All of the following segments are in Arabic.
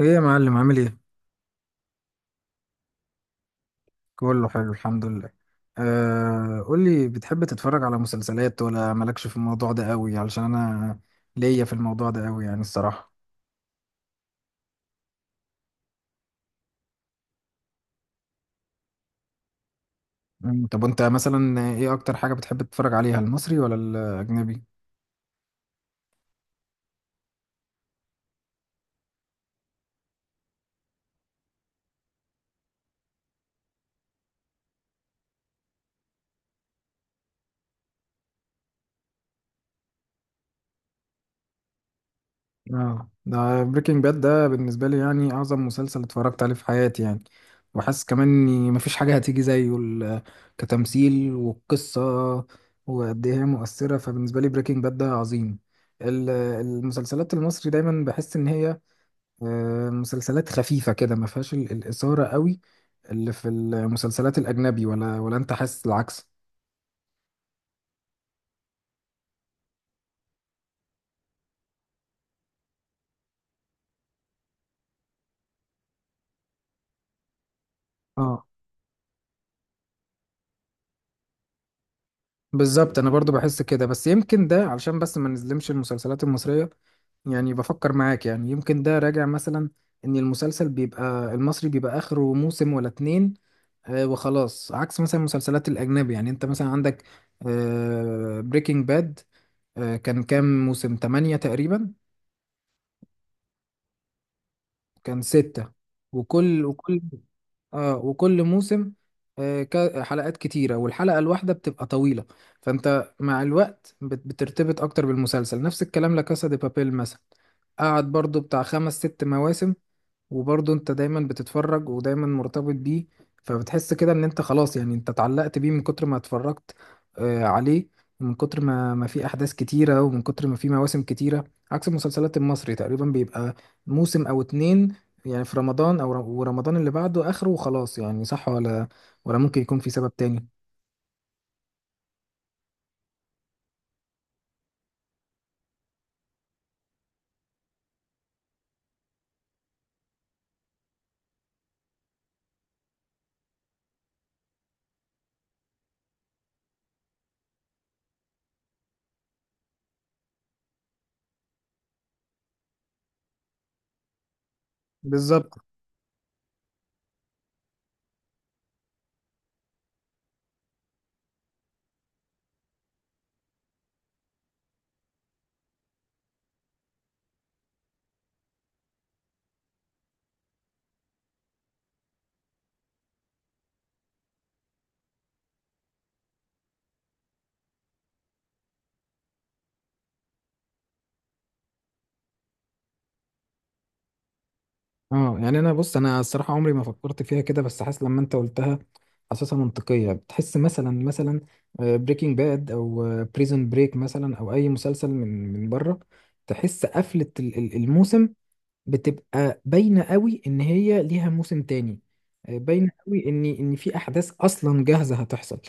ايه يا معلم عامل ايه؟ كله حلو الحمد لله. قولي، بتحب تتفرج على مسلسلات ولا مالكش في الموضوع ده قوي؟ علشان انا ليا في الموضوع ده قوي يعني الصراحة. طب وانت مثلا ايه اكتر حاجة بتحب تتفرج عليها، المصري ولا الاجنبي؟ اه، ده بريكنج باد ده بالنسبة لي يعني أعظم مسلسل اتفرجت عليه في حياتي يعني، وحاسس كمان إني مفيش حاجة هتيجي زيه. كتمثيل والقصة وقد إيه هي مؤثرة، فبالنسبة لي بريكنج باد ده عظيم. المسلسلات المصري دايما بحس إن هي مسلسلات خفيفة كده، ما فيهاش الإثارة قوي اللي في المسلسلات الأجنبي، ولا أنت حاسس العكس؟ اه، بالظبط انا برضو بحس كده، بس يمكن ده علشان بس ما نظلمش المسلسلات المصرية يعني، بفكر معاك، يعني يمكن ده راجع مثلا ان المسلسل بيبقى المصري بيبقى اخره موسم ولا اتنين وخلاص، عكس مثلا المسلسلات الاجنبي. يعني انت مثلا عندك بريكنج باد، كان كام موسم، تمانية تقريبا. كان ستة، وكل اه وكل موسم حلقات كتيرة، والحلقة الواحدة بتبقى طويلة، فانت مع الوقت بترتبط اكتر بالمسلسل. نفس الكلام لكاسا دي بابيل مثلا، قعد برضو بتاع خمس ست مواسم، وبرضه انت دايما بتتفرج ودايما مرتبط بيه. فبتحس كده ان انت خلاص يعني انت اتعلقت بيه من كتر ما اتفرجت عليه، ومن كتر ما في احداث كتيرة، ومن كتر ما في مواسم كتيرة. عكس المسلسلات المصري، تقريبا بيبقى موسم او اتنين، يعني في رمضان او ورمضان اللي بعده اخره وخلاص. يعني صح ولا ولا ممكن يكون في سبب تاني؟ بالظبط. اه يعني انا، بص انا الصراحه عمري ما فكرت فيها كده، بس حاسس لما انت قلتها حاسسها منطقيه. بتحس مثلا، بريكنج باد او بريزون بريك مثلا، او اي مسلسل من بره، تحس قفله الموسم بتبقى باينة قوي ان هي ليها موسم تاني. باينة قوي ان ان في احداث اصلا جاهزة هتحصل،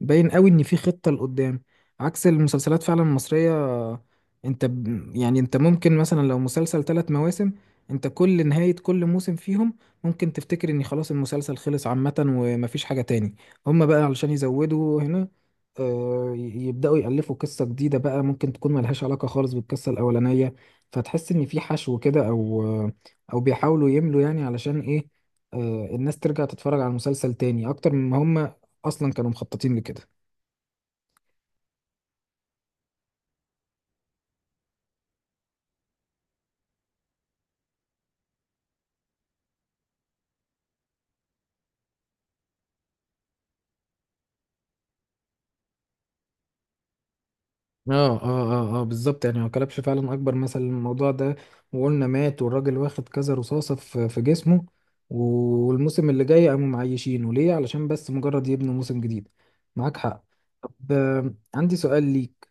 باين قوي ان في خطة لقدام، عكس المسلسلات فعلا المصرية. انت يعني انت ممكن مثلا لو مسلسل ثلاث مواسم، انت كل نهاية كل موسم فيهم ممكن تفتكر ان خلاص المسلسل خلص عامة ومفيش حاجة تاني. هما بقى علشان يزودوا هنا، آه، ي- يبدأوا يألفوا قصة جديدة بقى ممكن تكون ملهاش علاقة خالص بالقصة الأولانية، فتحس ان في حشو كده، او او بيحاولوا يملوا يعني علشان ايه؟ الناس ترجع تتفرج على المسلسل تاني اكتر مما هم اصلا كانوا مخططين لكده. اه اه، اه اه، بالظبط يعني هو كلبش فعلا اكبر مثل للموضوع ده، وقلنا مات والراجل واخد كذا رصاصة في جسمه، والموسم اللي جاي قاموا معيشينه ليه علشان بس مجرد يبنوا موسم جديد. معاك حق. طب، عندي سؤال ليك.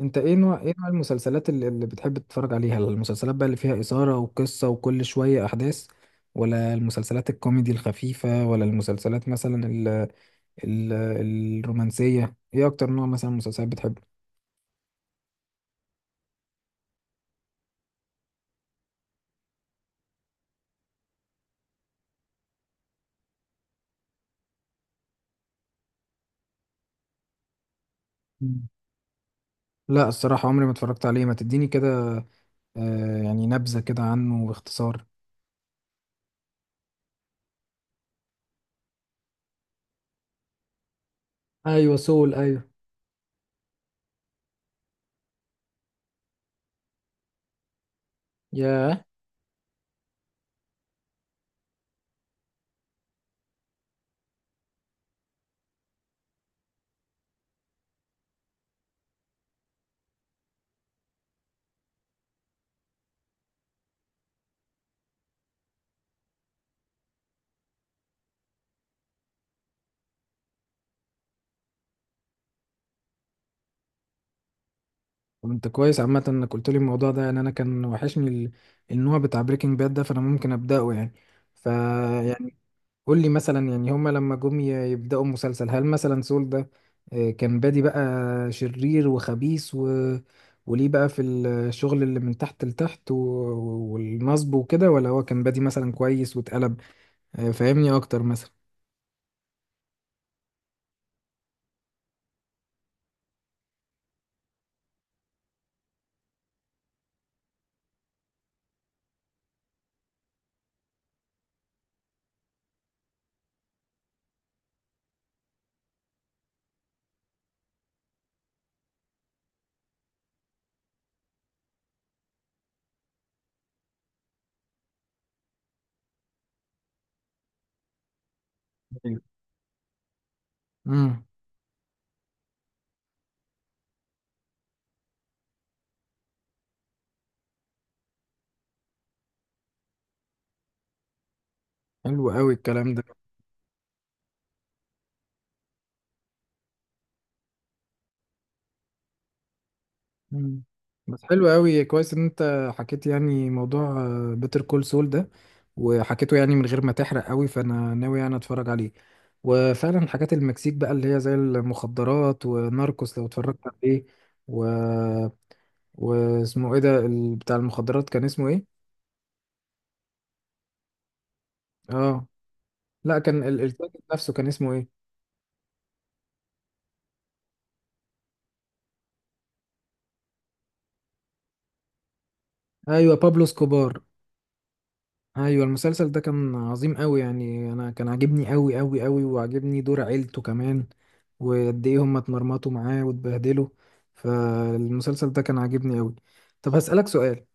انت ايه نوع، المسلسلات اللي بتحب تتفرج عليها؟ المسلسلات بقى اللي فيها إثارة وقصة وكل شوية أحداث، ولا المسلسلات الكوميدي الخفيفة، ولا المسلسلات مثلا ال ال الرومانسية؟ ايه اكتر نوع مثلا مسلسلات بتحبه؟ مم. لا الصراحة عمري ما اتفرجت عليه، ما تديني كده يعني نبذة كده عنه باختصار. ايوه سول، ايوه. ياه. طب انت كويس عامة انك قلت لي الموضوع ده، يعني انا كان وحشني النوع بتاع بريكنج باد ده، فانا ممكن ابدأه يعني. ف قول لي مثلا يعني، هما لما جم يبدأوا المسلسل، هل مثلا سول ده كان بادي بقى شرير وخبيث، و... وليه بقى في الشغل اللي من تحت لتحت، و... والنصب وكده، ولا هو كان بادي مثلا كويس واتقلب؟ فاهمني اكتر مثلا. أيوة. امم حلو قوي الكلام ده. مم. بس حلو قوي، كويس ان انت حكيت يعني موضوع بيتر كول سول ده، وحكيته يعني من غير ما تحرق قوي، فانا ناوي يعني اتفرج عليه، وفعلا حاجات المكسيك بقى اللي هي زي المخدرات، وناركوس لو اتفرجت عليه. و... واسمه ايه ده بتاع المخدرات، كان اسمه ايه؟ اه لا كان الراجل نفسه كان اسمه ايه؟ ايوه، بابلو سكوبار. ايوه المسلسل ده كان عظيم قوي، يعني انا كان عاجبني قوي قوي قوي، وعاجبني دور عيلته كمان وقد ايه هم اتمرمطوا معاه واتبهدلوا، فالمسلسل ده كان عاجبني قوي. طب هسألك سؤال،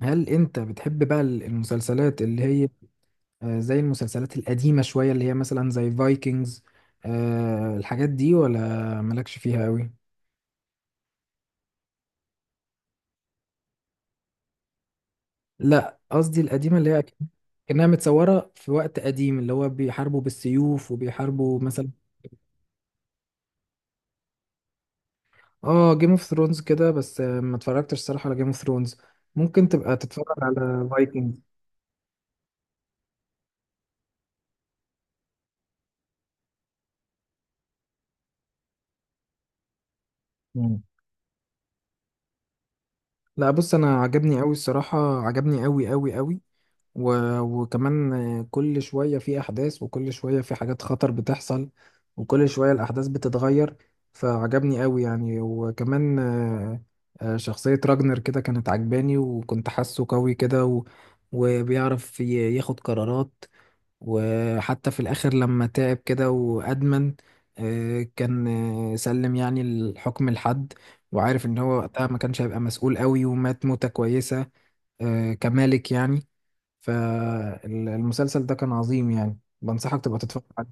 هل انت بتحب بقى المسلسلات اللي هي زي المسلسلات القديمة شوية، اللي هي مثلا زي فايكنجز، الحاجات دي، ولا مالكش فيها قوي؟ لا قصدي القديمة اللي هي كأنها متصورة في وقت قديم، اللي هو بيحاربوا بالسيوف وبيحاربوا مثلا. اه جيم اوف ثرونز كده، بس ما اتفرجتش الصراحه على جيم اوف ثرونز. ممكن تبقى تتفرج على فايكنجز. لا بص انا عجبني قوي الصراحه، عجبني قوي قوي قوي، و... وكمان كل شويه في احداث، وكل شويه في حاجات خطر بتحصل، وكل شويه الاحداث بتتغير، فعجبني قوي يعني. وكمان شخصيه راجنر كده كانت عجباني، وكنت حاسه قوي كده، و... وبيعرف ياخد قرارات، وحتى في الآخر لما تعب كده وأدمن آه، كان آه، سلم يعني الحكم لحد، وعارف إن هو وقتها ما كانش هيبقى مسؤول قوي، ومات موتة كويسة، كمالك يعني. فالمسلسل ده كان عظيم، يعني بنصحك تبقى تتفرج عليه.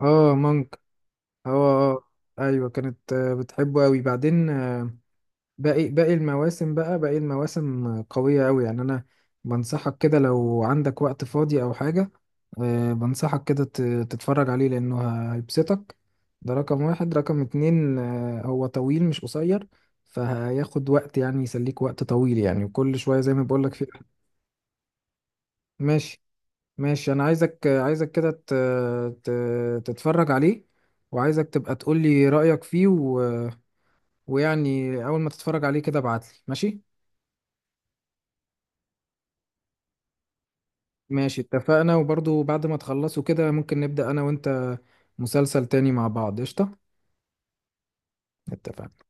اه مونك، اه. ايوه كانت بتحبه قوي بعدين باقي باقي المواسم بقى باقي المواسم قوية أوي، يعني أنا بنصحك كده لو عندك وقت فاضي أو حاجة بنصحك كده تتفرج عليه، لأنه هيبسطك. ده رقم 1. رقم 2 هو طويل مش قصير، فهياخد وقت يعني، يسليك وقت طويل يعني، وكل شوية زي ما بقولك في. ماشي. ماشي، أنا عايزك، كده تتفرج عليه، وعايزك تبقى تقولي رأيك فيه، و... ويعني أول ما تتفرج عليه كده ابعتلي. ماشي. ماشي اتفقنا، وبرضو بعد ما تخلصوا كده ممكن نبدأ أنا وأنت مسلسل تاني مع بعض، قشطة. اتفقنا.